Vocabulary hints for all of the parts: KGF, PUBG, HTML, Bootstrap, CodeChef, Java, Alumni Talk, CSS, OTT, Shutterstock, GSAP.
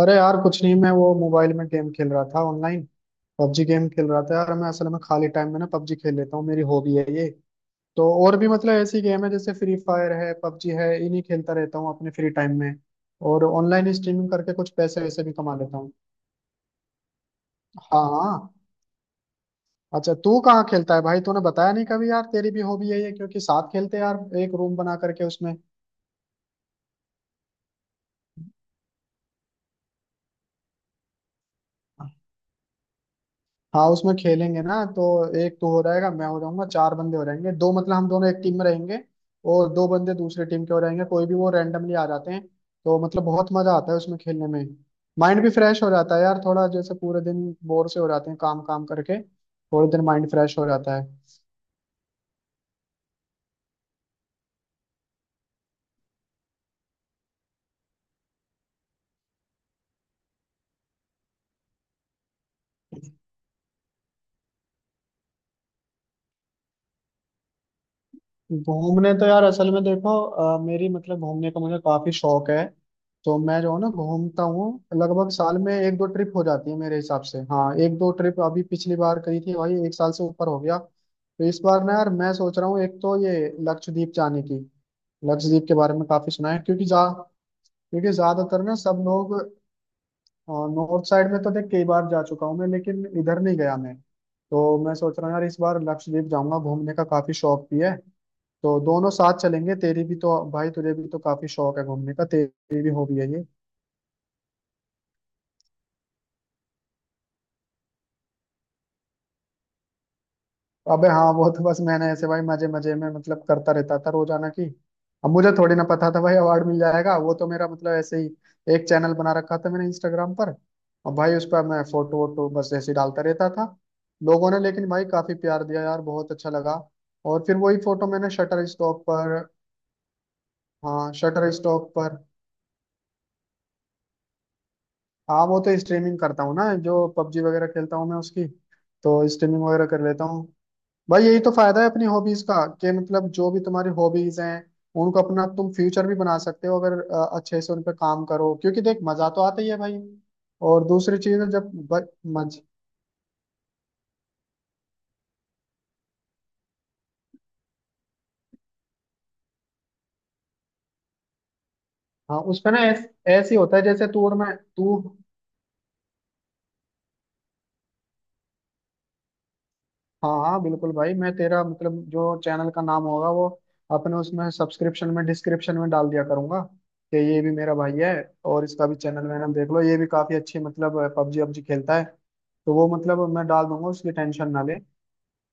अरे यार कुछ नहीं। मैं वो मोबाइल में गेम खेल रहा था ऑनलाइन। पबजी गेम खेल रहा था यार। मैं असल में खाली टाइम में ना पबजी खेल लेता हूँ। मेरी हॉबी है ये। तो और भी मतलब ऐसी गेम है जैसे फ्री फायर है, पबजी है, इन्हीं खेलता रहता हूँ अपने फ्री टाइम में। और ऑनलाइन स्ट्रीमिंग करके कुछ पैसे वैसे भी कमा लेता हूँ। हाँ हाँ। अच्छा तू कहाँ खेलता है भाई? तूने बताया नहीं कभी यार। तेरी भी हॉबी है ये, क्योंकि साथ खेलते हैं यार। एक रूम बना करके उसमें। हाँ उसमें खेलेंगे ना तो। एक तो हो रहेगा, मैं हो जाऊंगा, चार बंदे हो जाएंगे। दो मतलब हम दोनों एक टीम में रहेंगे और दो बंदे दूसरी टीम के हो रहेंगे। कोई भी वो रैंडमली आ जाते हैं। तो मतलब बहुत मजा आता है उसमें खेलने में। माइंड भी फ्रेश हो जाता है यार थोड़ा। जैसे पूरे दिन बोर से हो जाते हैं काम काम करके, थोड़े दिन माइंड फ्रेश हो जाता है। घूमने तो यार असल में देखो मेरी मतलब घूमने का मुझे काफी शौक है। तो मैं जो है ना घूमता हूँ। लगभग साल में एक दो ट्रिप हो जाती है मेरे हिसाब से। हाँ एक दो ट्रिप अभी पिछली बार करी थी भाई, एक साल से ऊपर हो गया। तो इस बार ना यार मैं सोच रहा हूँ, एक तो ये लक्षद्वीप जाने की। लक्षद्वीप के बारे में काफी सुना है। क्योंकि जा, क्योंकि ज्यादातर ना सब लोग नॉर्थ साइड में तो देख कई बार जा चुका हूँ मैं, लेकिन इधर नहीं गया मैं। तो मैं सोच रहा हूँ यार इस बार लक्षद्वीप जाऊंगा, घूमने का काफी शौक भी है। तो दोनों साथ चलेंगे, तेरी भी तो भाई तुझे भी तो काफी शौक है घूमने का, तेरी भी हॉबी है ये। अबे हाँ वो तो बस मैंने ऐसे भाई मजे मजे में मतलब करता रहता था रोजाना की। अब मुझे थोड़ी ना पता था भाई अवार्ड मिल जाएगा। वो तो मेरा मतलब ऐसे ही एक चैनल बना रखा था मैंने इंस्टाग्राम पर। और भाई उस पर मैं फोटो वोटो बस ऐसे ही डालता रहता था। लोगों ने लेकिन भाई काफी प्यार दिया यार, बहुत अच्छा लगा। और फिर वही फोटो मैंने शटर स्टॉक पर। हाँ शटर स्टॉक पर। हाँ वो तो स्ट्रीमिंग करता हूँ ना, जो पबजी वगैरह खेलता हूँ मैं उसकी। तो स्ट्रीमिंग वगैरह कर लेता हूँ। भाई यही तो फायदा है अपनी हॉबीज का। कि मतलब जो भी तुम्हारी हॉबीज हैं, उनको अपना तुम फ्यूचर भी बना सकते हो अगर अच्छे से उन पर काम करो। क्योंकि देख मजा तो आता ही है भाई। और दूसरी चीज है जब ब- मज हाँ उसमें ना ऐसे ही होता है जैसे तू और मैं, तू। हाँ हाँ बिल्कुल भाई, मैं तेरा मतलब जो चैनल का नाम होगा वो अपने उसमें सब्सक्रिप्शन में डिस्क्रिप्शन में डाल दिया करूंगा कि ये भी मेरा भाई है। और इसका भी चैनल में नाम देख लो, ये भी काफी अच्छी मतलब पबजी PUBG खेलता है। तो वो मतलब मैं डाल दूंगा, उसकी टेंशन ना ले।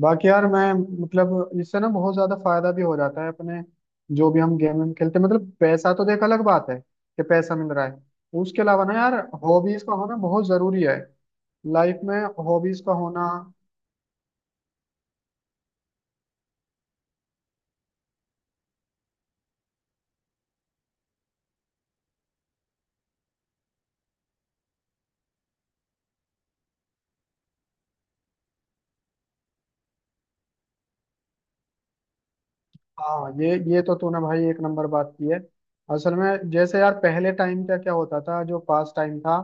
बाकी यार मैं मतलब इससे ना बहुत ज्यादा फायदा भी हो जाता है अपने। जो भी हम गेम खेलते हैं, मतलब पैसा तो देख अलग बात है कि पैसा मिल रहा है। उसके अलावा ना यार हॉबीज का होना बहुत जरूरी है लाइफ में। हॉबीज का होना। हाँ ये तो तूने भाई एक नंबर बात की है। असल में जैसे यार पहले टाइम का क्या होता था जो पास टाइम था,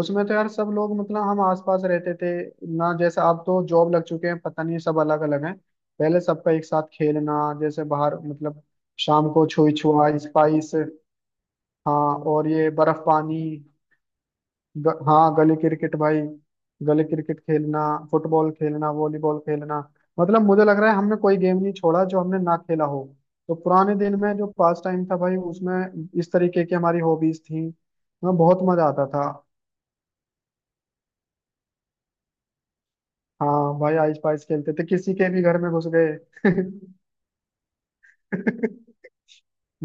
उसमें तो यार सब लोग मतलब हम आसपास रहते थे ना। जैसे अब तो जॉब लग चुके हैं, पता नहीं सब अलग अलग हैं। पहले सबका एक साथ खेलना जैसे बाहर मतलब शाम को छुई छुआ स्पाइस। हाँ और ये बर्फ पानी। हाँ गली क्रिकेट भाई। गली क्रिकेट खेलना, फुटबॉल खेलना, वॉलीबॉल खेलना। मतलब मुझे लग रहा है हमने कोई गेम नहीं छोड़ा जो हमने ना खेला हो। तो पुराने दिन में जो पास टाइम था भाई, उसमें इस तरीके की हमारी हॉबीज थी, हमें बहुत मजा आता था। हाँ भाई आइस पाइस खेलते थे, किसी के भी घर में घुस गए।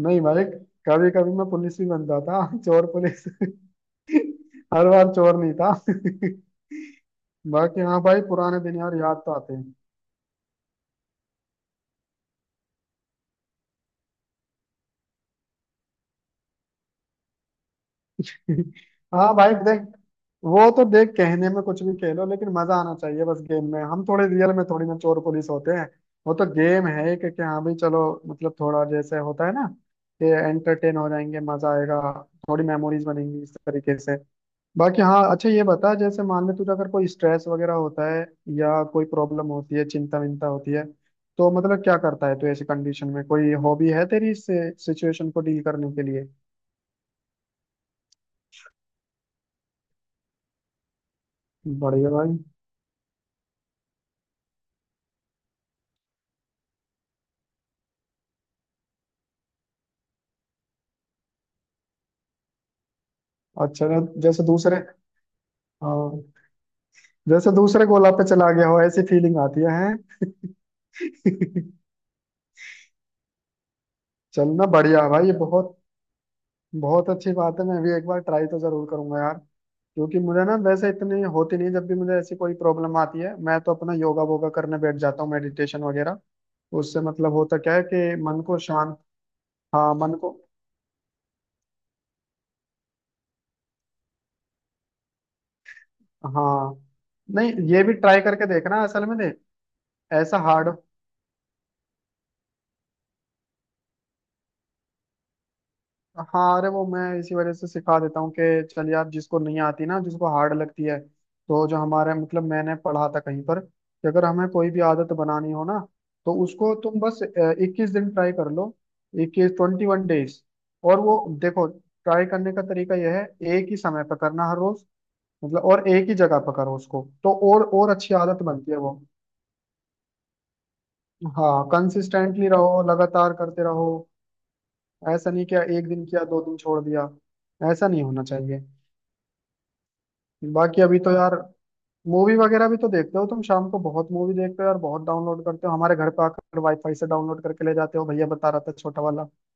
नहीं भाई, कभी कभी मैं पुलिस भी बनता था, चोर पुलिस। हर बार चोर नहीं था। बाकी हाँ भाई पुराने दिन यार याद तो आते हैं। हाँ भाई देख, वो तो देख कहने में कुछ भी कह लो लेकिन मजा आना चाहिए बस गेम में। हम थोड़े रियल में थोड़ी ना चोर पुलिस होते हैं। वो तो गेम है एक, कि हाँ भाई चलो मतलब थोड़ा जैसे होता है ना कि एंटरटेन हो जाएंगे, मजा आएगा, थोड़ी मेमोरीज बनेंगी इस तरीके से। बाकी हाँ अच्छा ये बता, जैसे मान ले तुझे अगर कोई स्ट्रेस वगैरह होता है या कोई प्रॉब्लम होती है, चिंता विंता होती है, तो मतलब क्या करता है तू ऐसी कंडीशन में? कोई हॉबी है तेरी इस सिचुएशन को डील करने के लिए? बढ़िया भाई। अच्छा जैसे दूसरे, हाँ जैसे दूसरे गोला पे चला गया हो ऐसी फीलिंग आती है हैं? चलना बढ़िया भाई, ये बहुत बहुत अच्छी बात है। मैं भी एक बार ट्राई तो जरूर करूंगा यार। क्योंकि मुझे ना वैसे इतनी होती नहीं। जब भी मुझे ऐसी कोई प्रॉब्लम आती है, मैं तो अपना योगा वोगा करने बैठ जाता हूँ, मेडिटेशन वगैरह। उससे मतलब होता क्या है कि मन को शांत। हाँ मन को। हाँ नहीं ये भी ट्राई करके देखना, असल में देख ऐसा हार्ड। हाँ अरे वो मैं इसी वजह से सिखा देता हूँ कि चल यार जिसको नहीं आती ना, जिसको हार्ड लगती है। तो जो हमारे मतलब मैंने पढ़ा था कहीं पर कि अगर हमें कोई भी आदत बनानी हो ना, तो उसको तुम बस 21 दिन ट्राई कर लो। 21, ट्वेंटी वन डेज। और वो देखो ट्राई करने का तरीका यह है, एक ही समय पर करना हर रोज। मतलब और एक ही जगह पर करो उसको तो और अच्छी आदत बनती है वो। हाँ कंसिस्टेंटली रहो, लगातार करते रहो। ऐसा नहीं कि एक दिन किया, दो दिन छोड़ दिया। ऐसा नहीं होना चाहिए। बाकी अभी तो यार मूवी वगैरह भी तो देखते हो तुम। शाम को बहुत मूवी देखते हो यार, बहुत डाउनलोड करते हो हमारे घर पे आकर वाईफाई से, डाउनलोड करके ले जाते हो, भैया बता रहा था छोटा वाला।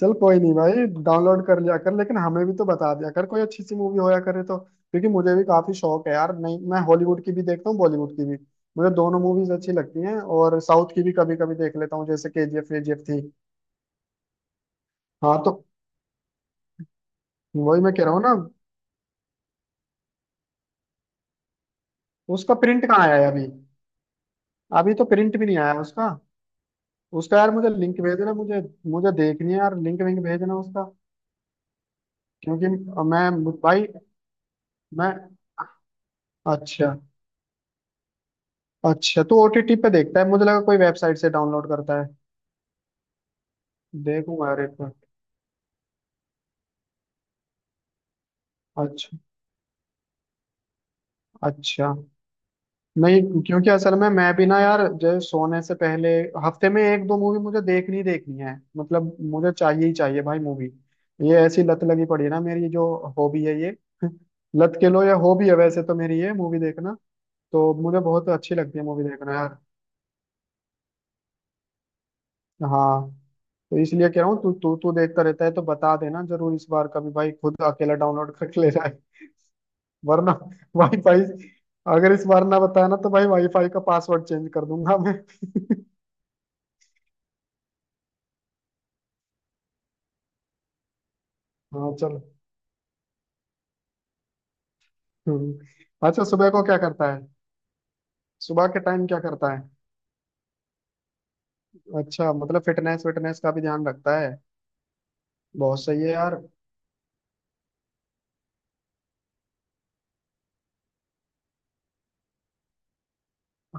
चल कोई नहीं भाई, डाउनलोड कर लिया कर, लेकिन हमें भी तो बता दिया कर कोई अच्छी सी मूवी होया करे तो। क्योंकि मुझे भी काफी शौक है यार, नहीं मैं हॉलीवुड की भी देखता हूँ, बॉलीवुड की भी। मुझे दोनों मूवीज अच्छी लगती हैं, और साउथ की भी कभी कभी देख लेता हूँ, जैसे केजीएफ वेजीएफ थी। हाँ तो वही मैं कह रहा हूँ ना। उसका प्रिंट कहाँ आया है अभी? अभी तो प्रिंट भी नहीं आया उसका। उसका यार मुझे लिंक भेज देना। मुझे मुझे देखनी है यार, लिंक विंक भेज देना उसका। क्योंकि मैं, भाई, मैं। अच्छा अच्छा तो ओटीटी पे देखता है, मुझे लगा कोई वेबसाइट से डाउनलोड करता है। देखूंगा यार एक बार। अच्छा अच्छा। नहीं क्योंकि असल में मैं भी ना यार जो सोने से पहले हफ्ते में एक दो मूवी मुझे देखनी ही देखनी है। मतलब मुझे चाहिए ही चाहिए भाई मूवी। ये ऐसी लत लगी पड़ी है ना मेरी, ये जो हॉबी है ये लत के लो या हॉबी, है वैसे तो मेरी ये मूवी देखना। तो मुझे बहुत अच्छी लगती है मूवी देखना यार। हाँ तो इसलिए कह रहा हूँ तू तू तू देखता रहता है तो बता देना जरूर इस बार कभी, भाई खुद अकेला डाउनलोड करके ले जाए। वरना वाईफाई, अगर इस बार ना बताया ना तो भाई वाईफाई का पासवर्ड चेंज कर दूंगा मैं। हाँ चलो। हम्म। अच्छा सुबह को क्या करता है? सुबह के टाइम क्या करता है? अच्छा मतलब फिटनेस फिटनेस का भी ध्यान रखता है। बहुत सही है यार।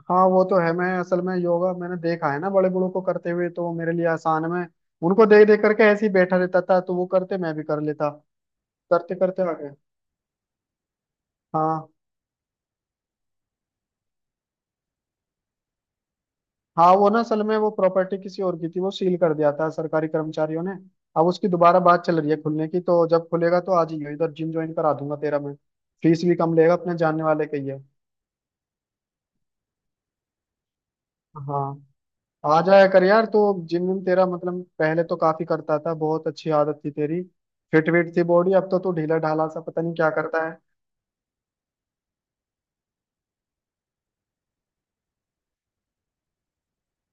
हाँ वो तो है। मैं असल में योगा मैंने देखा है ना बड़े बड़ों को करते हुए, तो वो मेरे लिए आसान है। मैं उनको देख देख करके ऐसे ही बैठा रहता था, तो वो करते मैं भी कर लेता, करते करते आ गए। हाँ हाँ। वो ना असल में वो प्रॉपर्टी किसी और की थी, वो सील कर दिया था सरकारी कर्मचारियों ने। अब उसकी दोबारा बात चल रही है खुलने की, तो जब खुलेगा तो आज ही इधर जिम ज्वाइन करा दूंगा तेरा मैं। फीस भी कम लेगा, अपने जानने वाले के ही है। हाँ आ जाया कर यार तो। जिम विम तेरा मतलब पहले तो काफी करता था, बहुत अच्छी आदत थी तेरी। फिट विट थी बॉडी, अब तो तू ढीला ढाला सा पता नहीं क्या करता है।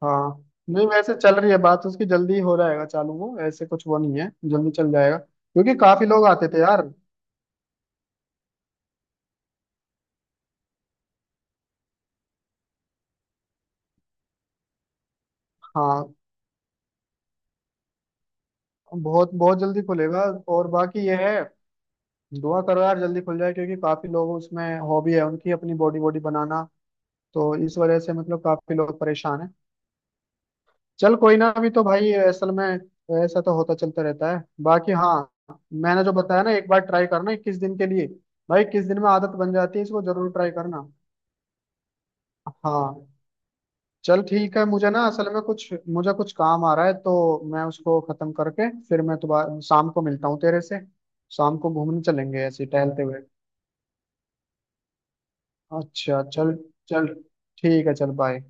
हाँ नहीं वैसे चल रही है बात उसकी, जल्दी ही हो जाएगा चालू, वो ऐसे कुछ वो नहीं है, जल्दी चल जाएगा क्योंकि काफी लोग आते थे यार। हाँ बहुत बहुत जल्दी खुलेगा। और बाकी ये है, दुआ करो यार जल्दी खुल जाए, क्योंकि काफी लोग उसमें हॉबी है उनकी अपनी बॉडी बॉडी बनाना। तो इस वजह से मतलब काफी लोग परेशान हैं। चल कोई ना, अभी तो भाई असल में ऐसा तो होता चलता रहता है। बाकी हाँ, मैंने जो बताया ना एक बार ट्राई करना 21 दिन के लिए, भाई 21 दिन में आदत बन जाती है, इसको जरूर ट्राई करना। हाँ चल ठीक है। मुझे ना असल में कुछ, मुझे कुछ काम आ रहा है, तो मैं उसको खत्म करके फिर मैं दोबारा शाम को मिलता हूँ तेरे से। शाम को घूमने चलेंगे ऐसे ही टहलते हुए। अच्छा चल। चल ठीक है, चल बाय।